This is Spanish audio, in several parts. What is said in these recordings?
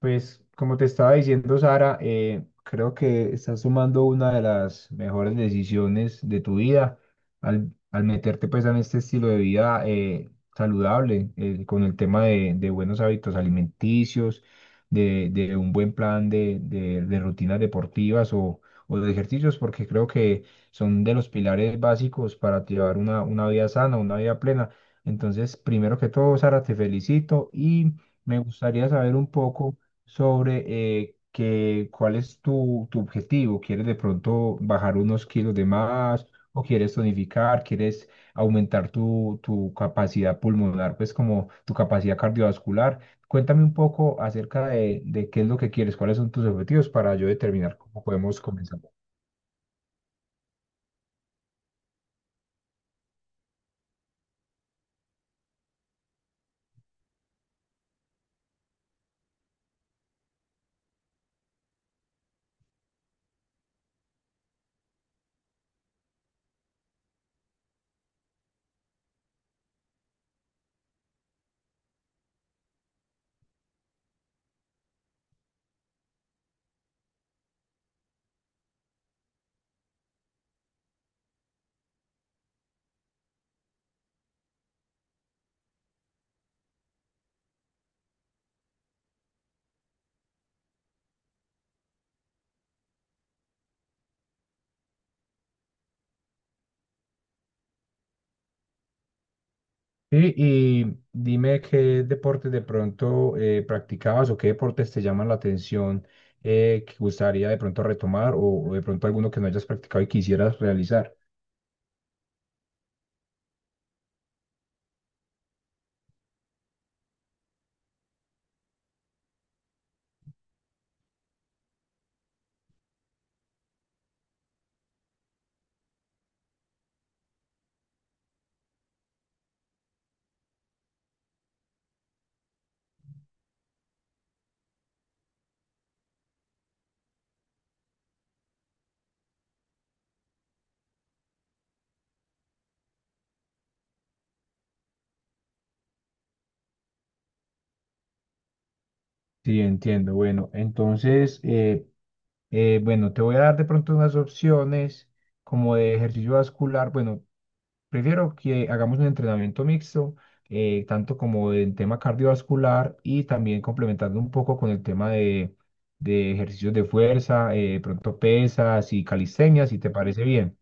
Pues como te estaba diciendo, Sara, creo que estás tomando una de las mejores decisiones de tu vida al meterte pues en este estilo de vida saludable, con el tema de buenos hábitos alimenticios, de un buen plan de rutinas deportivas o de ejercicios, porque creo que son de los pilares básicos para llevar una vida sana, una vida plena. Entonces, primero que todo, Sara, te felicito y me gustaría saber un poco sobre cuál es tu objetivo. ¿Quieres de pronto bajar unos kilos de más o quieres tonificar? ¿Quieres aumentar tu capacidad pulmonar, pues como tu capacidad cardiovascular? Cuéntame un poco acerca de qué es lo que quieres, cuáles son tus objetivos para yo determinar cómo podemos comenzar. Sí, y dime qué deportes de pronto practicabas o qué deportes te llaman la atención que gustaría de pronto retomar o de pronto alguno que no hayas practicado y quisieras realizar. Sí, entiendo. Bueno, entonces, bueno, te voy a dar de pronto unas opciones como de ejercicio vascular. Bueno, prefiero que hagamos un entrenamiento mixto, tanto como en tema cardiovascular y también complementando un poco con el tema de ejercicios de fuerza, pronto pesas y calistenia, si te parece bien.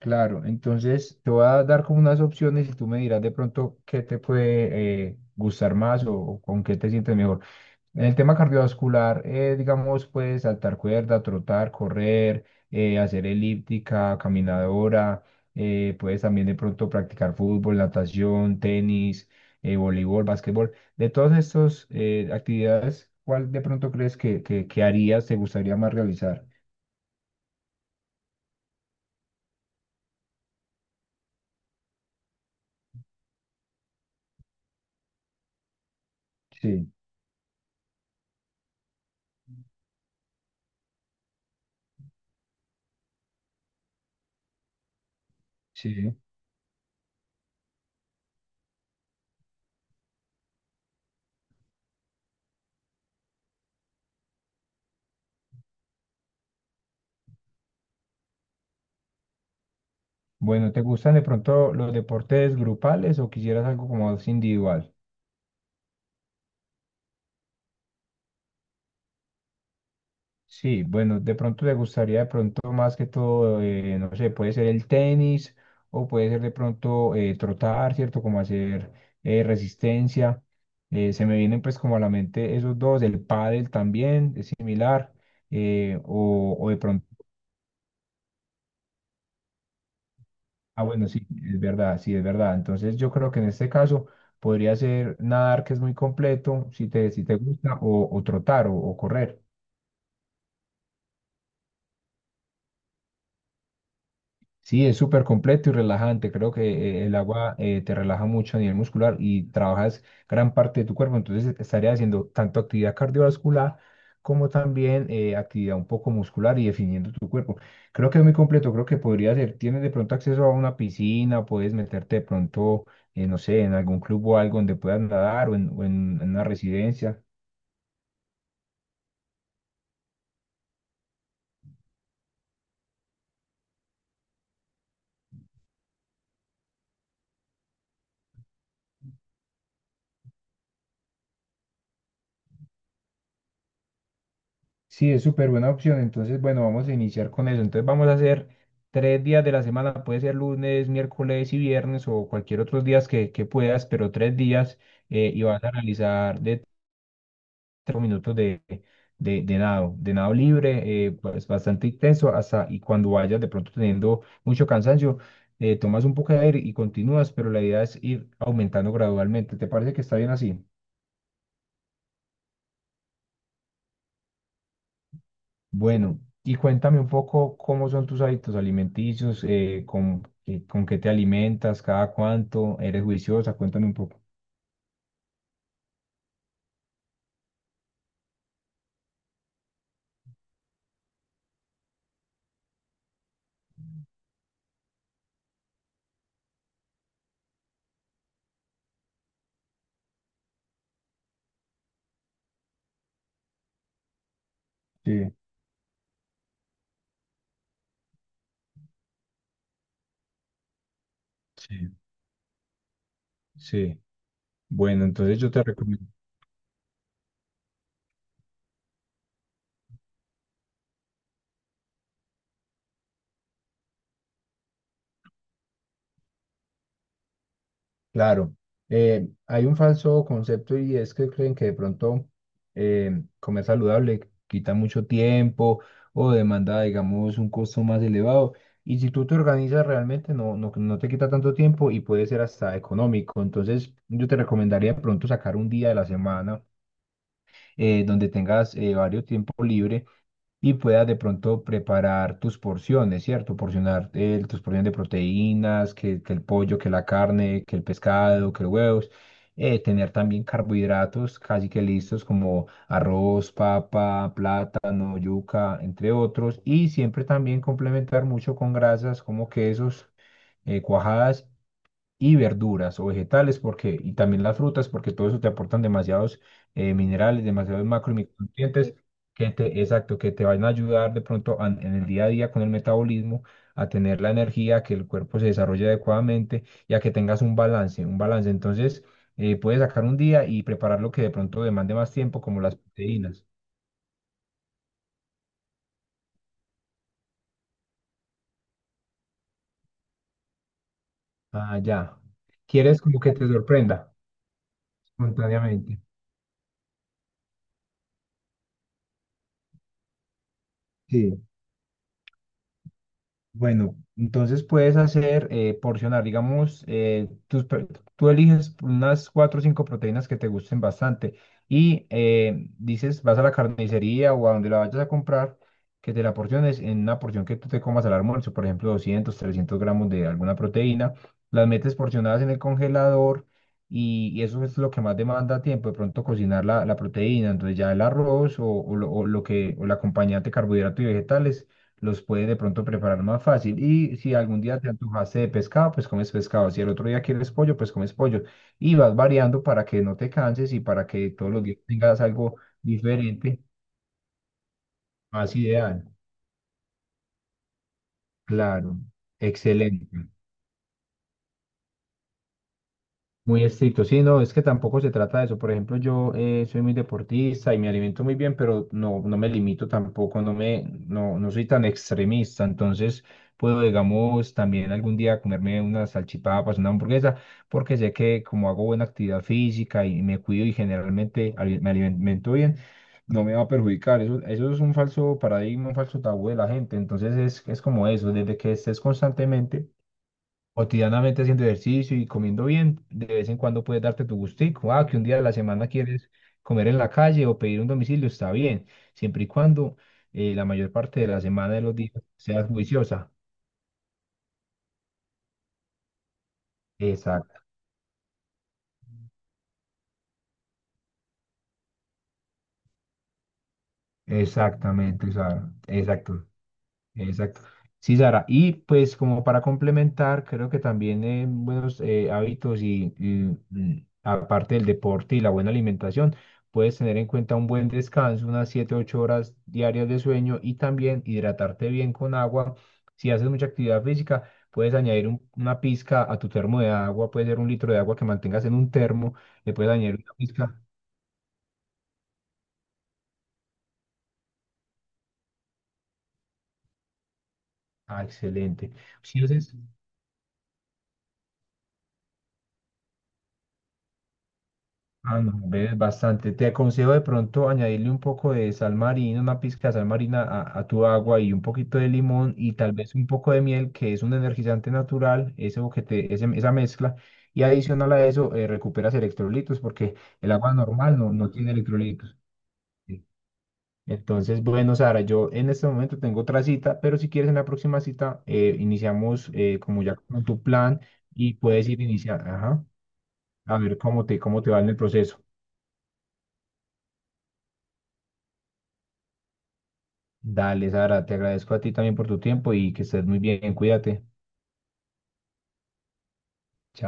Claro, entonces te voy a dar como unas opciones y tú me dirás de pronto qué te puede gustar más o con qué te sientes mejor. En el tema cardiovascular, digamos, puedes saltar cuerda, trotar, correr, hacer elíptica, caminadora, puedes también de pronto practicar fútbol, natación, tenis, voleibol, básquetbol. De todas estas actividades, ¿cuál de pronto crees que harías, te gustaría más realizar? Sí, sí. Bueno, ¿te gustan de pronto los deportes grupales o quisieras algo como más individual? Sí, bueno, de pronto le gustaría de pronto más que todo, no sé, puede ser el tenis o puede ser de pronto trotar, ¿cierto? Como hacer resistencia. Se me vienen pues como a la mente esos dos, el pádel también es similar, o de pronto, ah, bueno, sí, es verdad, sí, es verdad. Entonces yo creo que en este caso podría ser nadar que es muy completo, si te gusta, o trotar o correr. Sí, es súper completo y relajante. Creo que el agua te relaja mucho a nivel muscular y trabajas gran parte de tu cuerpo. Entonces estaría haciendo tanto actividad cardiovascular como también actividad un poco muscular y definiendo tu cuerpo. Creo que es muy completo. Creo que podría ser. Tienes de pronto acceso a una piscina, puedes meterte de pronto, no sé, en algún club o algo donde puedas nadar o en una residencia. Sí, es súper buena opción. Entonces, bueno, vamos a iniciar con eso. Entonces, vamos a hacer 3 días de la semana. Puede ser lunes, miércoles y viernes o cualquier otros días que puedas, pero 3 días y vas a realizar de 3 minutos de nado libre, pues bastante intenso hasta y cuando vayas de pronto teniendo mucho cansancio, tomas un poco de aire y continúas, pero la idea es ir aumentando gradualmente. ¿Te parece que está bien así? Bueno, y cuéntame un poco cómo son tus hábitos alimenticios, con qué te alimentas, cada cuánto, eres juiciosa, cuéntame un poco. Sí. Sí. Sí, bueno, entonces yo te recomiendo. Claro, hay un falso concepto y es que creen que de pronto comer saludable quita mucho tiempo o demanda, digamos, un costo más elevado. Y si tú te organizas realmente, no, no, no te quita tanto tiempo y puede ser hasta económico. Entonces, yo te recomendaría de pronto sacar un día de la semana donde tengas varios tiempo libre y puedas de pronto preparar tus porciones, ¿cierto? Porcionar tus porciones de proteínas, que el pollo, que la carne, que el pescado, que los huevos. Tener también carbohidratos casi que listos como arroz, papa, plátano, yuca, entre otros. Y siempre también complementar mucho con grasas como quesos, cuajadas y verduras o vegetales porque, y también las frutas porque todo eso te aportan demasiados minerales, demasiados macro y micronutrientes exacto, que te van a ayudar de pronto en el día a día con el metabolismo a tener la energía, a que el cuerpo se desarrolle adecuadamente y a que tengas un balance, un balance. Entonces, puedes sacar un día y preparar lo que de pronto demande más tiempo, como las proteínas. Ah, ya. ¿Quieres como que te sorprenda espontáneamente? Sí. Bueno, entonces puedes hacer porcionar, digamos, tú eliges unas cuatro o cinco proteínas que te gusten bastante y dices, vas a la carnicería o a donde la vayas a comprar, que te la porciones en una porción que tú te comas al almuerzo, por ejemplo, 200 300 gramos de alguna proteína, las metes porcionadas en el congelador y eso es lo que más demanda tiempo, de pronto cocinar la proteína, entonces ya el arroz o el acompañante carbohidrato y vegetales los puede de pronto preparar más fácil. Y si algún día te antojaste de pescado, pues comes pescado. Si el otro día quieres pollo, pues comes pollo. Y vas variando para que no te canses y para que todos los días tengas algo diferente, más ideal. Claro, excelente. Muy estricto, sí, no, es que tampoco se trata de eso. Por ejemplo, yo soy muy deportista y me alimento muy bien, pero no, no me limito tampoco, no, no soy tan extremista. Entonces, puedo, digamos, también algún día comerme unas salchipapas, una hamburguesa, porque sé que como hago buena actividad física y me cuido y generalmente me alimento bien, no me va a perjudicar. Eso es un falso paradigma, un falso tabú de la gente. Entonces, es como eso, desde que estés constantemente cotidianamente haciendo ejercicio y comiendo bien, de vez en cuando puedes darte tu gustico. Ah, que un día de la semana quieres comer en la calle o pedir un domicilio, está bien, siempre y cuando la mayor parte de la semana de los días seas juiciosa. Exacto, exactamente, o sea, exacto. Exacto. Sí, Sara. Y pues como para complementar, creo que también buenos hábitos aparte del deporte y la buena alimentación, puedes tener en cuenta un buen descanso, unas 7 8 horas diarias de sueño y también hidratarte bien con agua. Si haces mucha actividad física, puedes añadir una pizca a tu termo de agua, puede ser un litro de agua que mantengas en un termo, le puedes añadir una pizca. Ah, excelente. Si haces, ah, no, ves bastante. Te aconsejo de pronto añadirle un poco de sal marina, una pizca de sal marina a tu agua y un poquito de limón y tal vez un poco de miel, que es un energizante natural, eso esa mezcla. Y adicional a eso, recuperas electrolitos porque el agua normal no, no tiene electrolitos. Sí. Entonces, bueno, Sara, yo en este momento tengo otra cita, pero si quieres en la próxima cita, iniciamos como ya con tu plan y puedes ir iniciando, ajá, a ver cómo te va en el proceso. Dale, Sara, te agradezco a ti también por tu tiempo y que estés muy bien, cuídate.